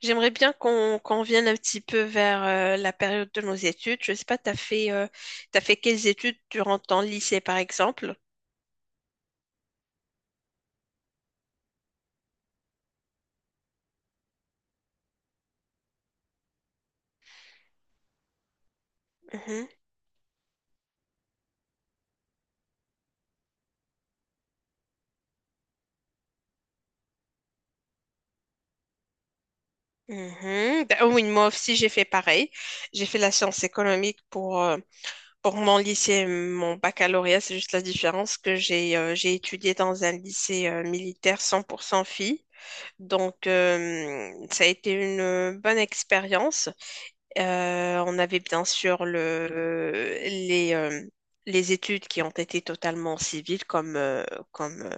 J'aimerais bien qu'on vienne un petit peu vers la période de nos études. Je sais pas, t'as fait quelles études durant ton lycée, par exemple? Mhm, mhm. Ben, oui, moi aussi j'ai fait pareil. J'ai fait la science économique pour mon lycée, et mon baccalauréat. C'est juste la différence que j'ai étudié dans un lycée militaire 100% filles. Donc ça a été une bonne expérience. On avait bien sûr les études qui ont été totalement civiles, comme, euh,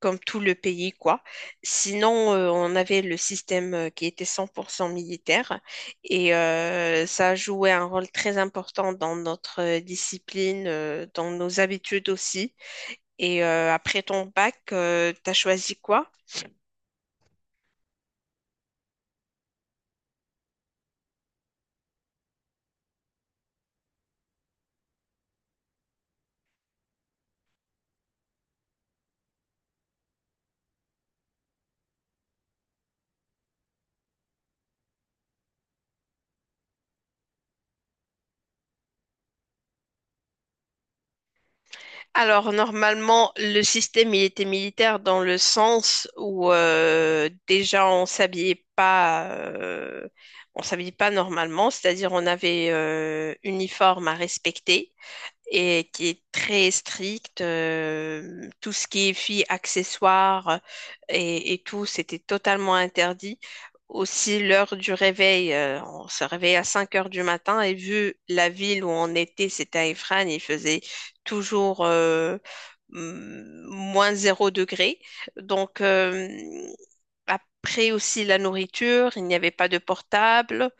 comme tout le pays, quoi. Sinon, on avait le système qui était 100% militaire et ça jouait un rôle très important dans notre discipline, dans nos habitudes aussi. Et après ton bac, tu as choisi quoi? Alors, normalement, le système, il était militaire dans le sens où déjà, on s'habillait pas normalement, c'est-à-dire on avait uniforme à respecter et qui est très stricte. Tout ce qui est filles, accessoires et tout, c'était totalement interdit. Aussi, l'heure du réveil, on se réveillait à 5 heures du matin et vu la ville où on était, c'était à Ifrane, il faisait toujours moins zéro degré. Donc, après aussi la nourriture, il n'y avait pas de portable,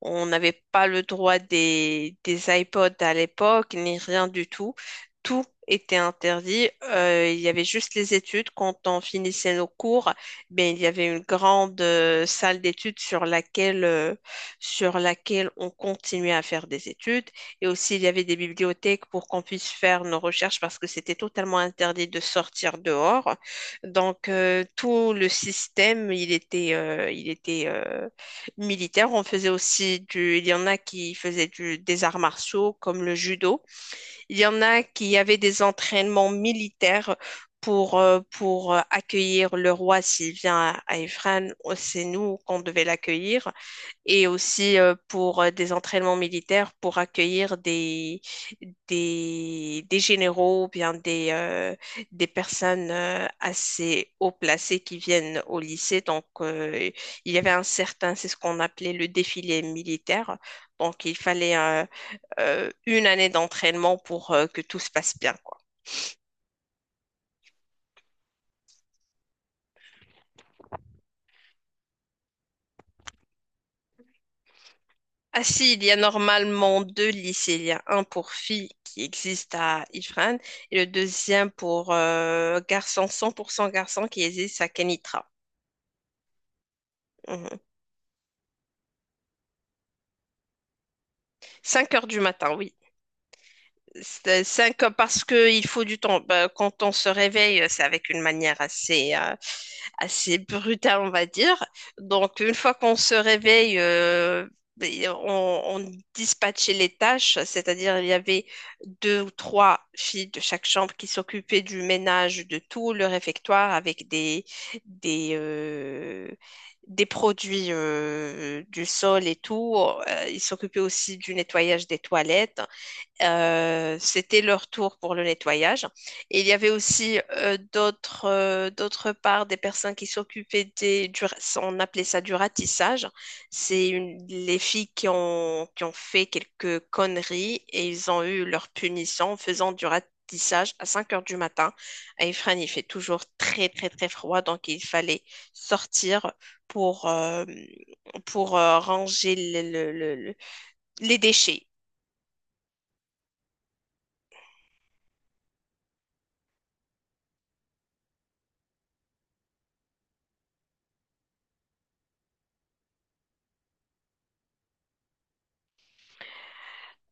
on n'avait pas le droit des iPods à l'époque, ni rien du tout. Tout était interdit. Il y avait juste les études. Quand on finissait nos cours, ben, il y avait une grande salle d'études sur laquelle on continuait à faire des études. Et aussi, il y avait des bibliothèques pour qu'on puisse faire nos recherches parce que c'était totalement interdit de sortir dehors. Donc, tout le système, il était militaire. On faisait aussi. Il y en a qui faisaient des arts martiaux, comme le judo. Il y en a qui avaient des entraînements militaires pour accueillir le roi s'il vient à Ifrane. Oh, c'est nous qu'on devait l'accueillir et aussi pour des entraînements militaires pour accueillir des généraux ou bien des personnes assez haut placées qui viennent au lycée. Donc, il y avait un certain, c'est ce qu'on appelait le défilé militaire. Donc, il fallait une année d'entraînement pour que tout se passe bien. Ah si, il y a normalement deux lycées. Il y a un pour filles qui existe à Ifrane et le deuxième pour garçons, 100% garçons qui existe à Kenitra. Mhm. 5 heures du matin, oui. C'est cinq parce qu'il faut du temps. Bah, quand on se réveille, c'est avec une manière assez brutale, on va dire. Donc, une fois qu'on se réveille, et on dispatchait les tâches, c'est-à-dire il y avait deux ou trois filles de chaque chambre qui s'occupaient du ménage de tout le réfectoire avec des, euh, des produits du sol et tout. Ils s'occupaient aussi du nettoyage des toilettes. C'était leur tour pour le nettoyage. Et il y avait aussi d'autre part des personnes qui s'occupaient on appelait ça du ratissage. C'est les filles qui ont fait quelques conneries et ils ont eu leur punition en faisant du ratissage à 5 heures du matin. À Ifrane, il fait toujours très, très, très froid, donc il fallait sortir pour, euh, pour ranger les déchets.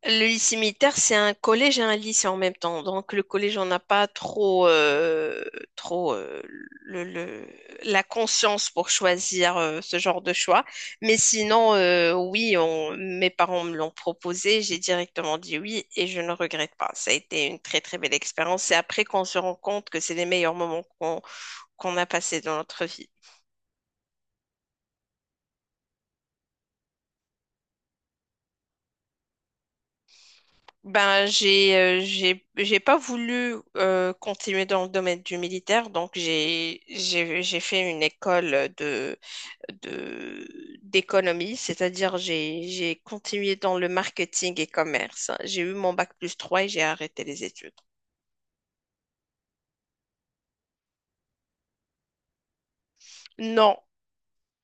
Le lycée militaire, c'est un collège et un lycée en même temps. Donc, le collège, on n'a pas trop le, le- la conscience pour choisir ce genre de choix. Mais sinon, oui, mes parents me l'ont proposé. J'ai directement dit oui et je ne regrette pas. Ça a été une très, très belle expérience. C'est après qu'on se rend compte que c'est les meilleurs moments qu'on a passés dans notre vie. Ben, j'ai pas voulu continuer dans le domaine du militaire, donc j'ai fait une école de de d'économie, c'est-à-dire j'ai continué dans le marketing et commerce. J'ai eu mon bac+3 et j'ai arrêté les études. Non,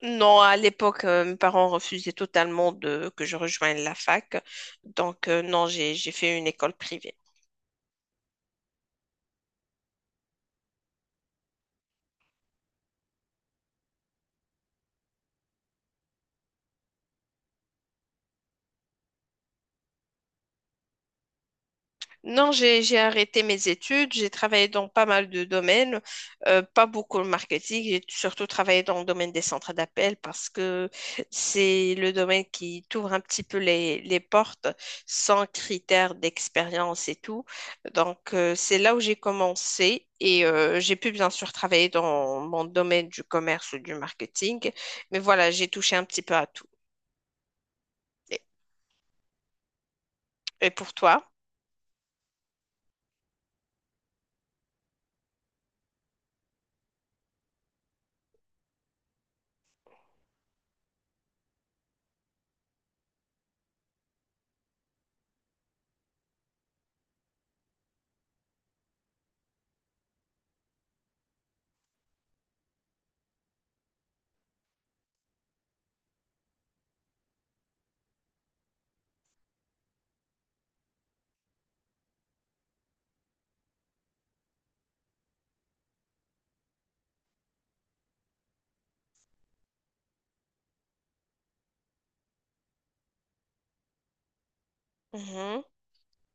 non, à l'époque, mes parents refusaient totalement de que je rejoigne la fac, donc non, j'ai fait une école privée. Non, j'ai arrêté mes études, j'ai travaillé dans pas mal de domaines, pas beaucoup le marketing, j'ai surtout travaillé dans le domaine des centres d'appel parce que c'est le domaine qui t'ouvre un petit peu les portes sans critères d'expérience et tout. Donc, c'est là où j'ai commencé et j'ai pu bien sûr travailler dans mon domaine du commerce ou du marketing, mais voilà, j'ai touché un petit peu à tout. Et, et pour toi? Mhm.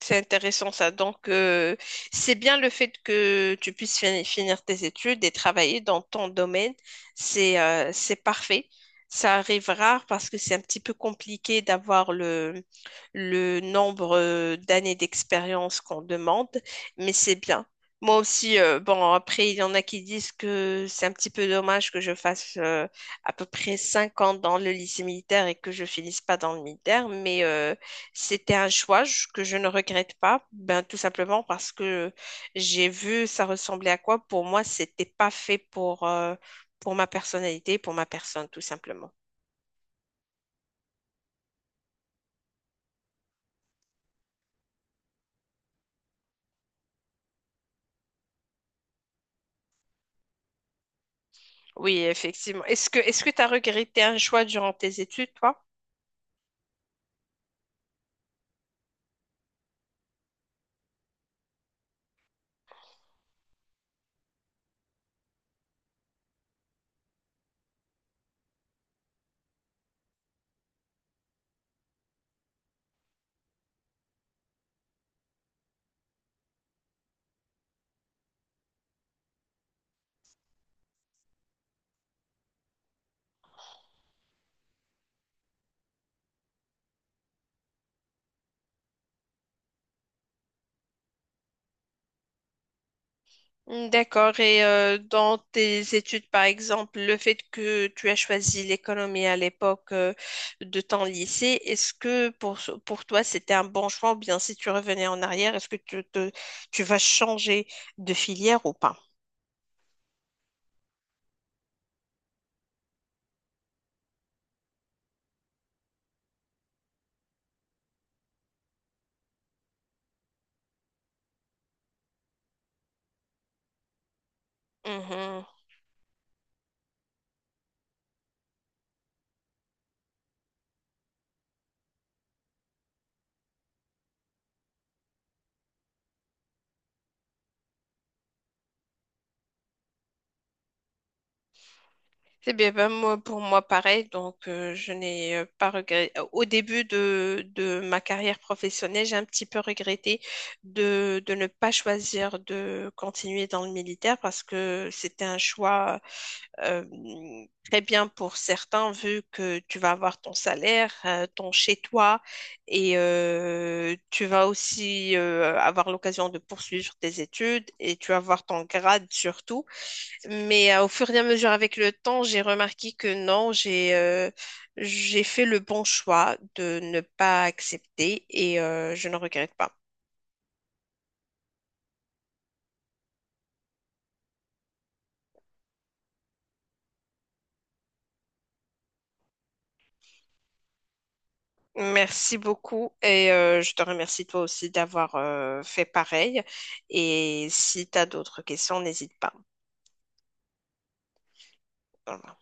C'est intéressant ça. Donc, c'est bien le fait que tu puisses finir tes études et travailler dans ton domaine. C'est parfait. Ça arrive rare parce que c'est un petit peu compliqué d'avoir le nombre d'années d'expérience qu'on demande, mais c'est bien. Moi aussi, bon, après, il y en a qui disent que c'est un petit peu dommage que je fasse à peu près 5 ans dans le lycée militaire et que je finisse pas dans le militaire, mais c'était un choix que je ne regrette pas, ben, tout simplement parce que j'ai vu ça ressemblait à quoi. Pour moi, c'était pas fait pour ma personnalité, pour ma personne, tout simplement. Oui, effectivement. Est-ce que tu as regretté un choix durant tes études, toi? Mm, d'accord. Et dans tes études, par exemple, le fait que tu as choisi l'économie à l'époque de ton lycée, est-ce que pour toi c'était un bon choix ou bien si tu revenais en arrière, est-ce que tu vas changer de filière ou pas? Mhm. C'est bien, ben, moi, pour moi, pareil. Donc, je n'ai pas regretté. Au début de ma carrière professionnelle, j'ai un petit peu regretté de ne pas choisir de continuer dans le militaire parce que c'était un choix euh, très bien pour certains, vu que tu vas avoir ton salaire, ton chez-toi, et tu vas aussi avoir l'occasion de poursuivre tes études et tu vas avoir ton grade surtout. Mais au fur et à mesure avec le temps, j'ai remarqué que non, j'ai fait le bon choix de ne pas accepter et je ne regrette pas. Merci beaucoup et je te remercie toi aussi d'avoir fait pareil. Et si tu as d'autres questions, n'hésite pas. Voilà.